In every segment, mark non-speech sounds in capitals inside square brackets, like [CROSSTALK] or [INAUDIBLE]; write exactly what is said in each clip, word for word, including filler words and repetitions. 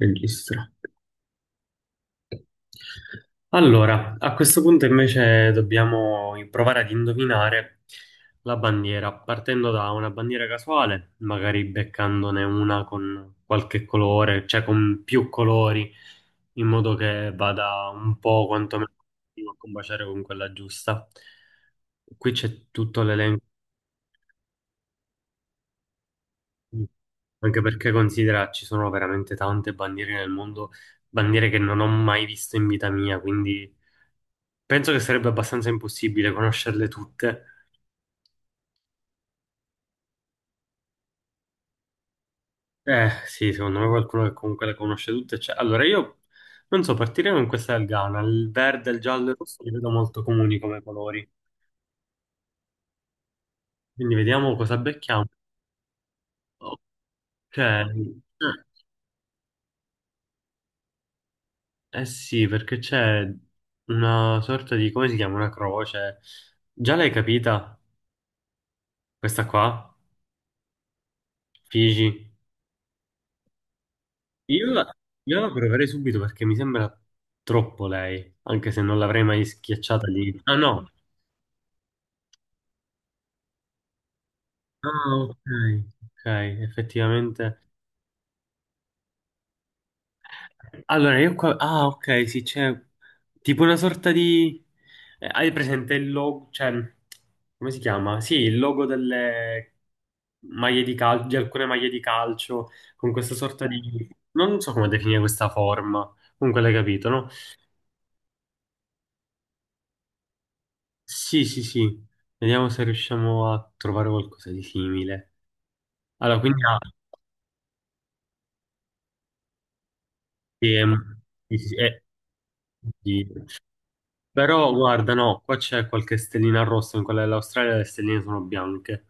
Registra. Allora, a questo punto invece dobbiamo provare ad indovinare la bandiera, partendo da una bandiera casuale, magari beccandone una con qualche colore, cioè con più colori, in modo che vada un po' quantomeno a combaciare con quella giusta. Qui c'è tutto l'elenco, anche perché considera ci sono veramente tante bandiere nel mondo, bandiere che non ho mai visto in vita mia, quindi... Penso che sarebbe abbastanza impossibile conoscerle tutte. Eh, sì, secondo me qualcuno che comunque le conosce tutte c'è. Allora, io non so, partiremo in questa del Ghana. Il verde, il giallo e il rosso li vedo molto comuni come colori. Quindi vediamo cosa becchiamo. Ok. Eh eh sì, perché c'è una sorta di, come si chiama? Una croce. Già l'hai capita? Questa qua? Figi. Io la, io la proverei subito perché mi sembra troppo lei, anche se non l'avrei mai schiacciata lì. Ah no. Ah, ok, ok, effettivamente. Allora, io qua... Ah, ok, sì, c'è tipo una sorta di... eh, hai presente il logo, cioè, come si chiama? Sì, il logo delle maglie di calcio, di alcune maglie di calcio, con questa sorta di... Non so come definire questa forma, comunque l'hai capito, no? Sì, sì, sì, vediamo se riusciamo a trovare qualcosa di simile. Allora, quindi... ah, sì, è- sì, sì, sì, è- sì. Però guarda, no, qua c'è qualche stellina rossa, in quella dell'Australia le stelline sono bianche.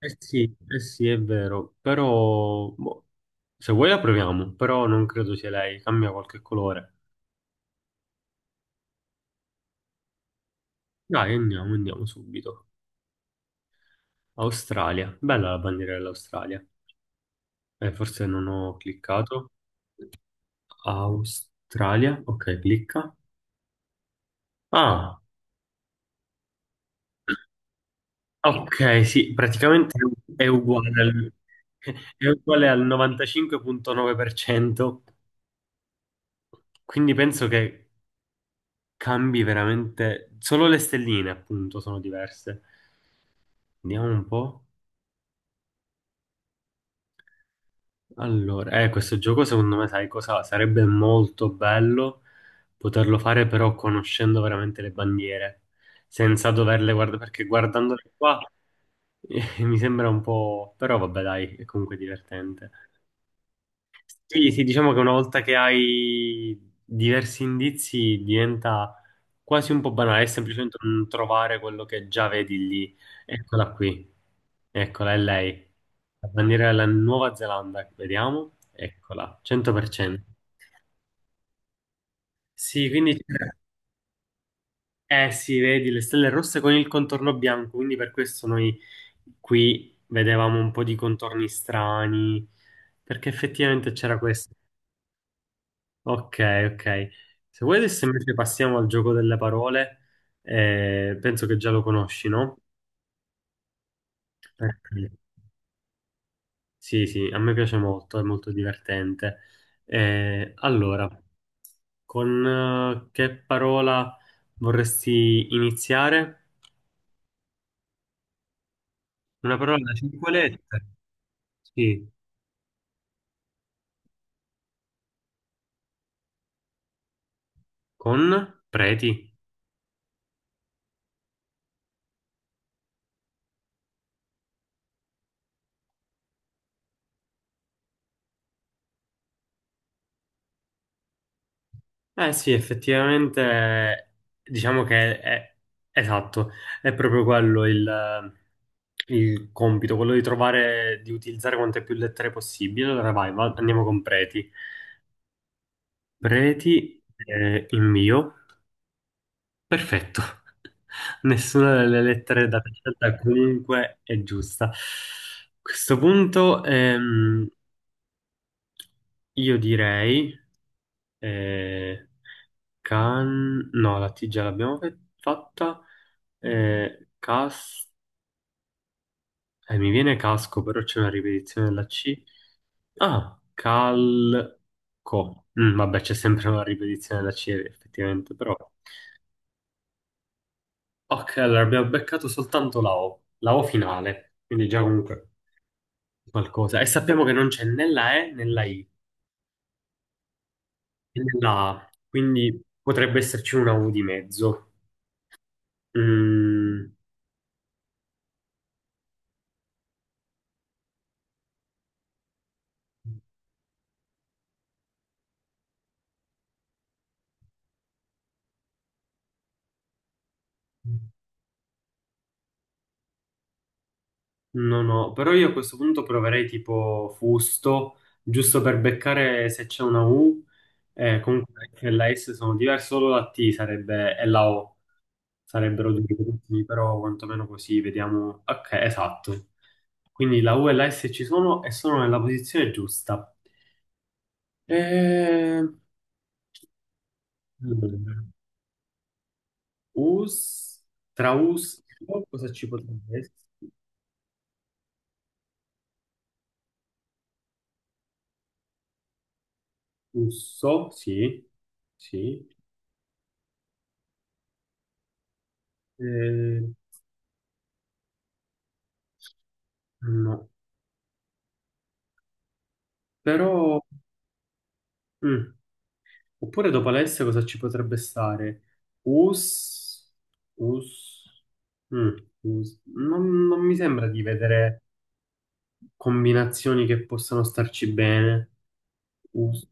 Eh sì, eh sì, è vero, però boh, se vuoi la proviamo, però non credo sia lei, cambia qualche colore. Dai, andiamo, andiamo subito. Australia, bella la bandiera dell'Australia. Eh, forse non ho cliccato. Australia, ok, clicca. Ah, ok, sì, praticamente è uguale al, [LAUGHS] è uguale al novantacinque virgola nove per cento. Quindi penso che cambi veramente. Solo le stelline, appunto, sono diverse. Vediamo un po'. Allora, eh, questo gioco secondo me, sai cosa? Sarebbe molto bello poterlo fare, però conoscendo veramente le bandiere, senza doverle guardare, perché guardandole qua [LAUGHS] eh, mi sembra un po'. Però vabbè, dai, è comunque divertente. Sì, sì, diciamo che una volta che hai diversi indizi diventa quasi un po' banale, è semplicemente un trovare quello che già vedi lì. Eccola qui, eccola, è lei. La bandiera della Nuova Zelanda, vediamo, eccola, cento per cento. Sì, quindi, eh sì, vedi le stelle rosse con il contorno bianco, quindi per questo noi qui vedevamo un po' di contorni strani, perché effettivamente c'era questo. Ok, ok. Se vuoi adesso invece passiamo al gioco delle parole, eh, penso che già lo conosci, no? Perché- Sì, sì, a me piace molto, è molto divertente. Eh, allora, con eh, che parola vorresti iniziare? Una parola da cinque lettere? Sì, con preti. Eh sì, effettivamente, eh, diciamo che è, esatto, è proprio quello il, eh, il compito, quello di trovare, di utilizzare quante più lettere possibile. Allora vai, va- andiamo con preti. Preti, eh, il mio, perfetto. [LAUGHS] Nessuna delle lettere da scelta comunque è giusta. A questo punto, ehm, io direi. Eh, can... No, la T già l'abbiamo fe- fatta. Eh, cas... eh, mi viene casco, però c'è una ripetizione della C. Ah, calco. Mm, vabbè, c'è sempre una ripetizione della C, effettivamente, però... Ok, allora abbiamo beccato soltanto la O, la O finale, quindi già comunque qualcosa. E sappiamo che non c'è né la E né la I né la A, quindi potrebbe esserci una U di mezzo. Mm. No, no, però io a questo punto proverei tipo fusto, giusto per beccare se c'è una U, eh, comunque la F e la S sono diverse, solo la T sarebbe, e la O sarebbero due gruppi, però quantomeno così vediamo. Ok, esatto. Quindi la U e la S ci sono e sono nella posizione giusta. Eh, allora, us, tra us, cosa ci potrebbe essere? Usso, sì, sì. Eh, no. Però, mm, oppure dopo Alessia cosa ci potrebbe stare? Us, Us, mm, Us. Non, non mi sembra di vedere combinazioni che possano starci bene. Us.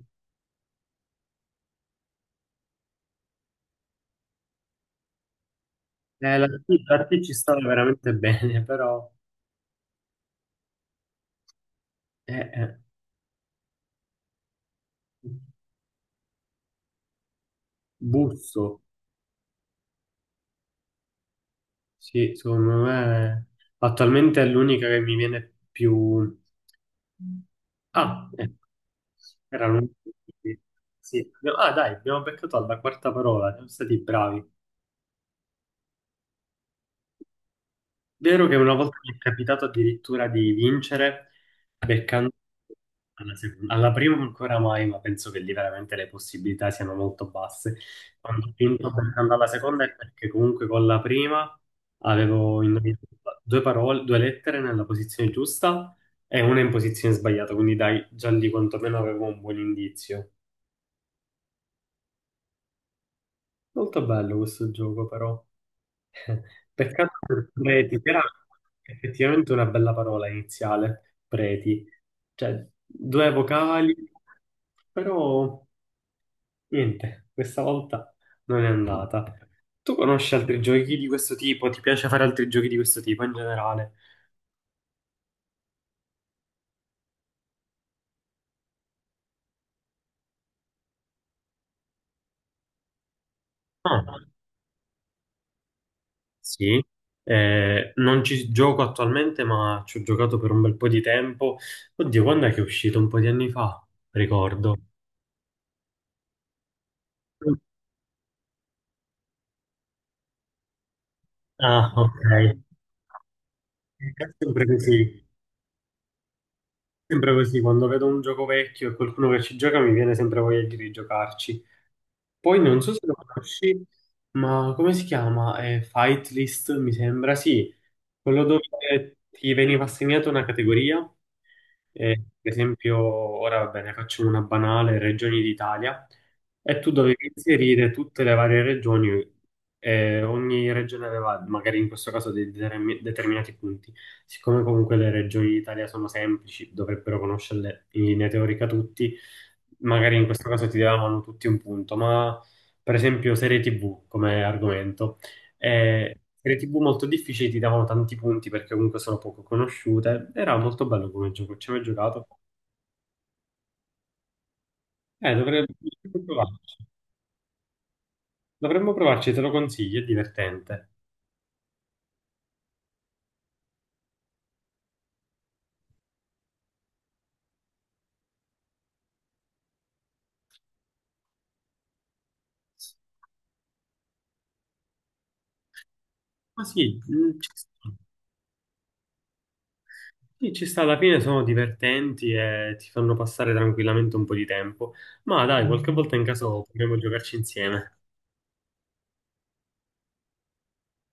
Eh, la, T, la T ci stava veramente bene, [LAUGHS] però... eh, eh. Busso, sì, secondo me attualmente è l'unica che mi viene più... Ah, ecco, era l'unico. Sì. abbiamo- Ah, dai, abbiamo beccato alla quarta parola, siamo stati bravi. Vero che una volta mi è capitato addirittura di vincere beccando alla seconda. Alla prima ancora mai, ma penso che lì veramente le possibilità siano molto basse. Quando ho vinto beccando alla seconda è perché comunque con la prima avevo indovinato due parole, due lettere nella posizione giusta e una in posizione sbagliata, quindi dai, già lì quantomeno avevo un buon indizio. Molto bello questo gioco, però. [LAUGHS] Peccato per preti, che era effettivamente una bella parola iniziale, preti. Cioè, due vocali, però niente, questa volta non è andata. Tu conosci altri giochi di questo tipo? Ti piace fare altri giochi di questo tipo in generale? Ah, sì. Eh, non ci gioco attualmente, ma ci ho giocato per un bel po' di tempo. Oddio, quando è che è uscito? Un po' di anni fa, ricordo. Ah, ok. È sempre così. Sempre così, quando vedo un gioco vecchio e qualcuno che ci gioca mi viene sempre voglia di rigiocarci. Poi non so se lo conosci, ma come si chiama? Eh, Fight List, mi sembra, sì. Quello dove ti veniva assegnata una categoria. Eh, per esempio, ora va bene, facciamo una banale, regioni d'Italia, e tu dovevi inserire tutte le varie regioni, e ogni regione aveva magari in questo caso dei determi- determinati punti. Siccome comunque le regioni d'Italia sono semplici, dovrebbero conoscerle in linea teorica tutti, magari in questo caso ti davano tutti un punto, ma per esempio serie T V come argomento. E serie T V molto difficili, ti davano tanti punti perché comunque sono poco conosciute. Era molto bello come gioco, ci hai mai giocato? Eh, dovremmo dovremmo provarci. Dovremmo provarci, te lo consiglio, è divertente. Ma sì, mm, ci sta. Sì, ci sta, alla fine sono divertenti e ti fanno passare tranquillamente un po' di tempo. Ma dai, qualche volta in caso potremmo giocarci insieme.